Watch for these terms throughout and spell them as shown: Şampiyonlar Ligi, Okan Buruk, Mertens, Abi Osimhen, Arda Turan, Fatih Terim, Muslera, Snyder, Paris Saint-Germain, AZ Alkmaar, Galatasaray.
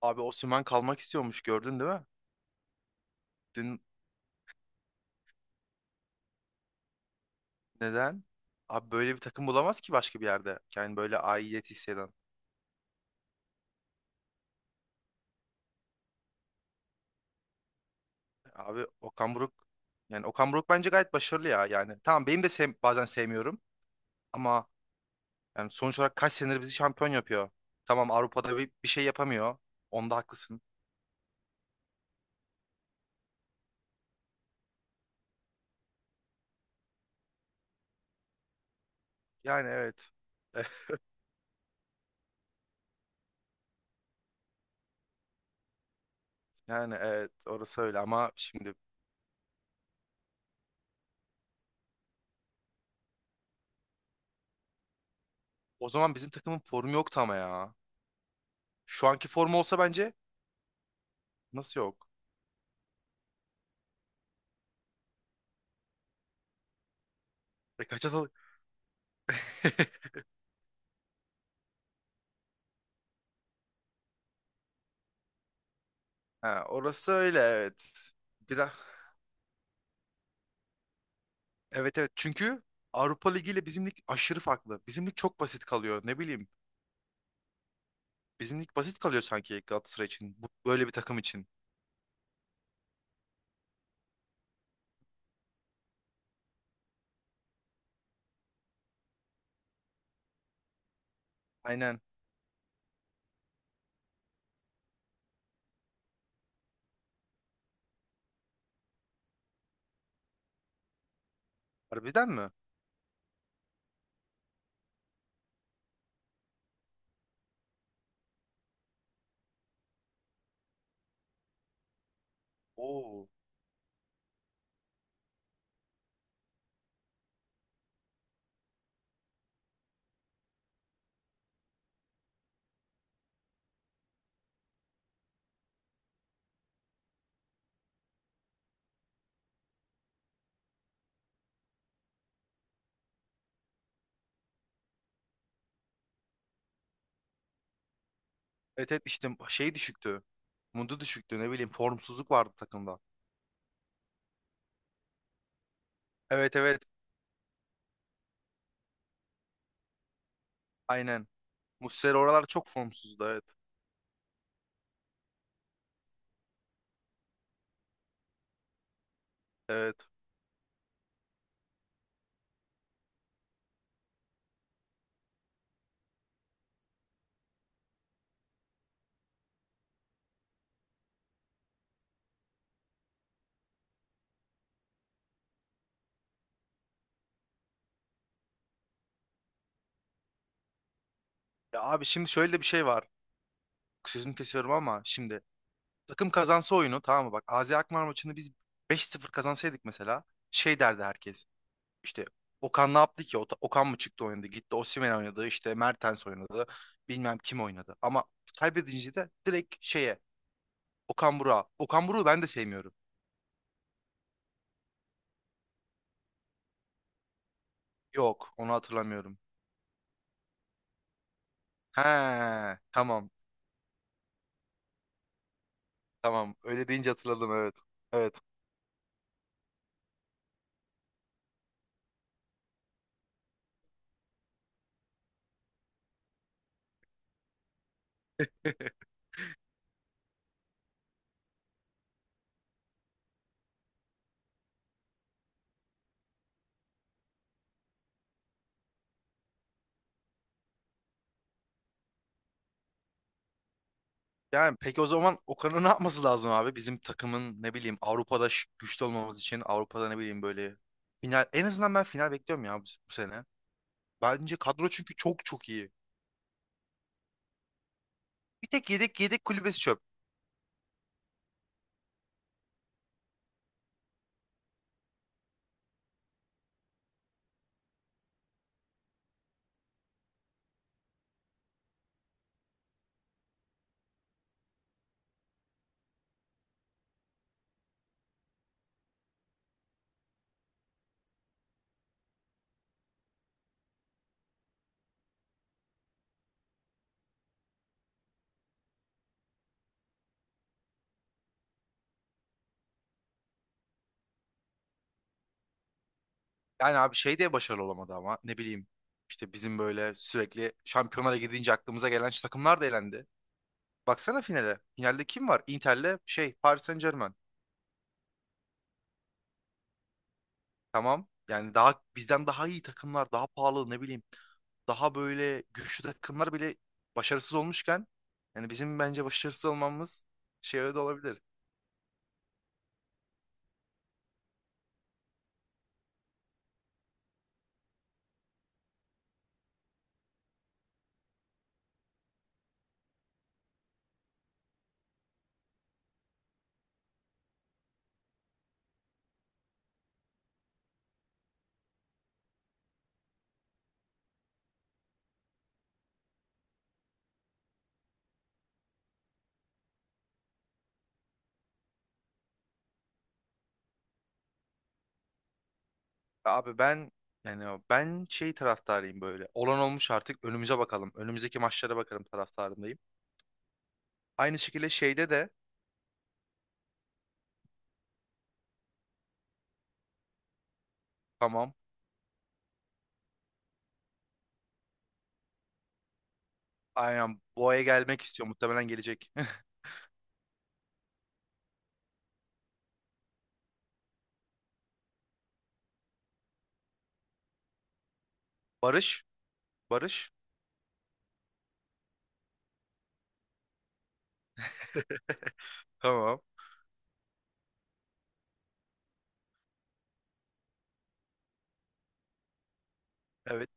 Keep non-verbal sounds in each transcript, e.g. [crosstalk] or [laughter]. Abi Osimhen kalmak istiyormuş, gördün değil mi? Dün. Neden? Abi böyle bir takım bulamaz ki başka bir yerde. Yani böyle aidiyet hisseden. Abi Okan Buruk, yani Okan Buruk bence gayet başarılı ya yani. Tamam, benim de bazen sevmiyorum ama yani sonuç olarak kaç senedir bizi şampiyon yapıyor. Tamam, Avrupa'da bir şey yapamıyor. Onda haklısın. Yani evet. [laughs] Yani evet, orası öyle ama şimdi o zaman bizim takımın formu yoktu ama ya. Şu anki formu olsa bence nasıl yok? E kaç atalım? [laughs] Ha, orası öyle, evet. Biraz, evet evet, çünkü Avrupa Ligi ile bizim lig aşırı farklı. Bizim lig çok basit kalıyor, ne bileyim. Bizim lig basit kalıyor sanki Galatasaray için. Bu, böyle bir takım için. Aynen. Harbiden mi? Oo. Evet evet, işte şey düşüktü. Mundu düşüktü, ne bileyim, formsuzluk vardı takımda. Evet evet, aynen. Muslera oralar çok formsuzdu, evet. Evet. Ya abi, şimdi şöyle de bir şey var. Sözünü kesiyorum ama şimdi takım kazansa oyunu, tamam mı? Bak AZ Alkmaar maçını biz 5-0 kazansaydık mesela, şey derdi herkes. İşte Okan ne yaptı ki? Okan mı çıktı oynadı? Gitti Osimhen oynadı, işte Mertens oynadı. Bilmem kim oynadı. Ama kaybedince de direkt şeye, Okan Burak'a. Okan Burak'ı ben de sevmiyorum. Yok, onu hatırlamıyorum. He, tamam tamam, öyle deyince hatırladım, evet. Evet. Yani peki o zaman Okan'ın ne yapması lazım abi? Bizim takımın, ne bileyim, Avrupa'da güçlü olmamız için Avrupa'da ne bileyim böyle final, en azından ben final bekliyorum ya bu, bu sene. Bence kadro çünkü çok çok iyi. Bir tek yedek kulübesi çöp. Yani abi şey de başarılı olamadı ama ne bileyim, işte bizim böyle sürekli şampiyonlara gidince aklımıza gelen şu takımlar da elendi. Baksana finale. Finalde kim var? Inter'le şey Paris Saint-Germain. Tamam. Yani daha bizden daha iyi takımlar, daha pahalı, ne bileyim, daha böyle güçlü takımlar bile başarısız olmuşken, yani bizim bence başarısız olmamız şey de olabilir. Abi ben, yani ben şey taraftarıyım böyle. Olan olmuş, artık önümüze bakalım. Önümüzdeki maçlara bakalım taraftarındayım. Aynı şekilde şeyde de tamam. Aynen, Boğa'ya gelmek istiyor. Muhtemelen gelecek. [laughs] Barış. Barış. Tamam. Evet.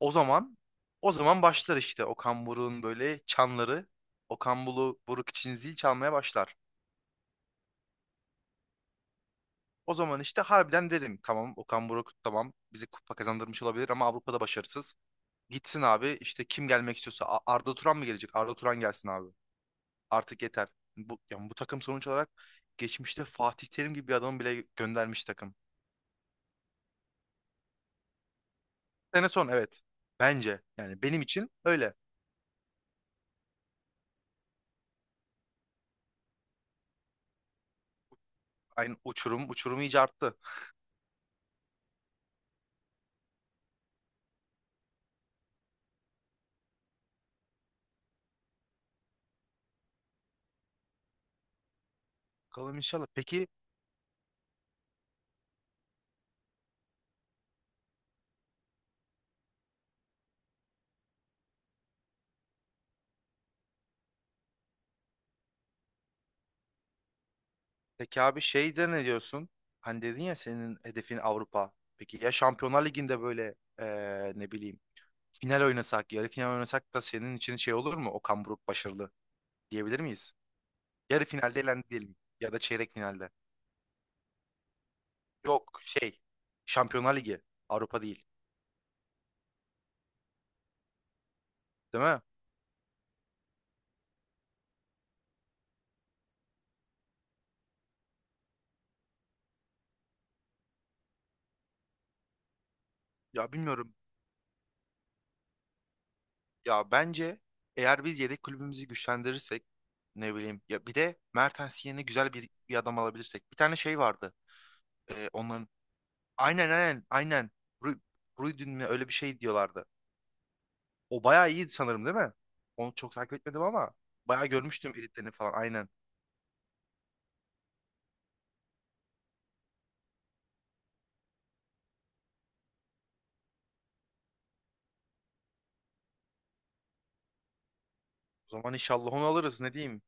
O zaman o zaman başlar işte Okan Buruk'un böyle çanları. Buruk için zil çalmaya başlar. O zaman işte harbiden derim, tamam Okan Buruk, tamam bizi kupa kazandırmış olabilir ama Avrupa'da başarısız. Gitsin abi, işte kim gelmek istiyorsa Arda Turan mı gelecek? Arda Turan gelsin abi. Artık yeter. Bu, yani bu takım sonuç olarak geçmişte Fatih Terim gibi bir adamı bile göndermiş takım. Sene son, evet. Bence yani benim için öyle. Aynı uçurum uçurum iyice arttı. Bakalım inşallah. Peki Peki abi şey de ne diyorsun? Hani dedin ya senin hedefin Avrupa. Peki ya Şampiyonlar Ligi'nde böyle ne bileyim final oynasak, yarı final oynasak da senin için şey olur mu? Okan Buruk başarılı diyebilir miyiz? Yarı finalde elendi diyelim ya da çeyrek finalde. Yok şey, Şampiyonlar Ligi Avrupa değil. Değil mi? Ya bilmiyorum. Ya bence eğer biz yedek kulübümüzü güçlendirirsek, ne bileyim ya, bir de Mertens yerine güzel bir adam alabilirsek. Bir tane şey vardı. Onların aynen aynen aynen. Ru- Ruydun mu, öyle bir şey diyorlardı. O bayağı iyiydi sanırım değil mi? Onu çok takip etmedim ama bayağı görmüştüm editlerini falan, aynen. O zaman inşallah onu alırız, ne diyeyim.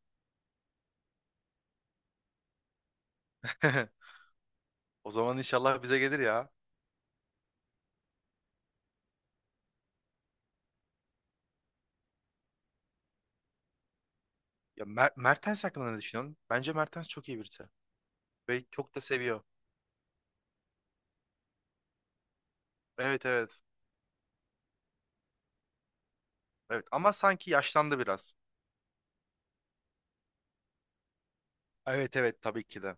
[laughs] O zaman inşallah bize gelir ya. Ya Mertens hakkında ne düşünüyorsun? Bence Mertens çok iyi birisi. Ve çok da seviyor. Evet evet. Evet ama sanki yaşlandı biraz. Evet evet, tabii ki de.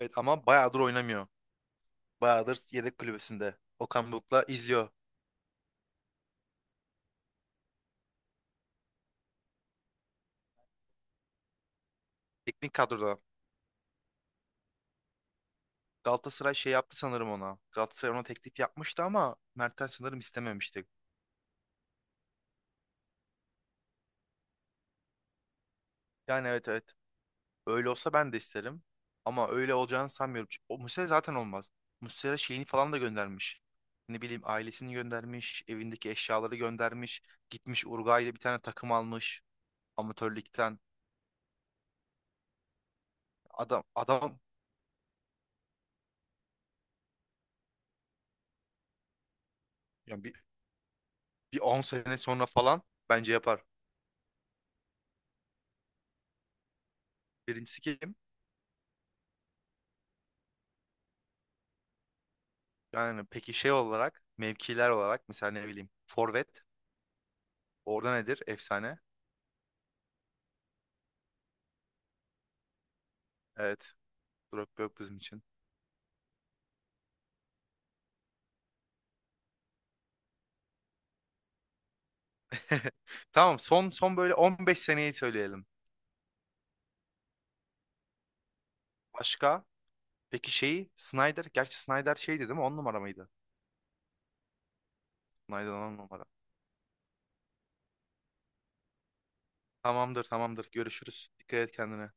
Evet ama bayağıdır oynamıyor. Bayağıdır yedek kulübesinde. Okan Buruk'la izliyor. Teknik kadroda. Galatasaray şey yaptı sanırım ona. Galatasaray ona teklif yapmıştı ama Mertens sanırım istememişti. Yani evet evet. Öyle olsa ben de isterim. Ama öyle olacağını sanmıyorum. Çünkü o Muslera zaten olmaz. Muslera şeyini falan da göndermiş. Ne bileyim, ailesini göndermiş, evindeki eşyaları göndermiş, gitmiş Uruguay'da bir tane takım almış amatörlükten. Adam yani bir 10 sene sonra falan bence yapar. Birincisi kim? Yani peki şey olarak, mevkiler olarak mesela ne bileyim forvet orada nedir? Efsane. Evet. Drop yok bizim için. [laughs] Tamam son böyle 15 seneyi söyleyelim. Başka? Peki şeyi Snyder. Gerçi Snyder şeydi değil mi? 10 numara mıydı? Snyder 10 numara. Tamamdır tamamdır. Görüşürüz. Dikkat et kendine.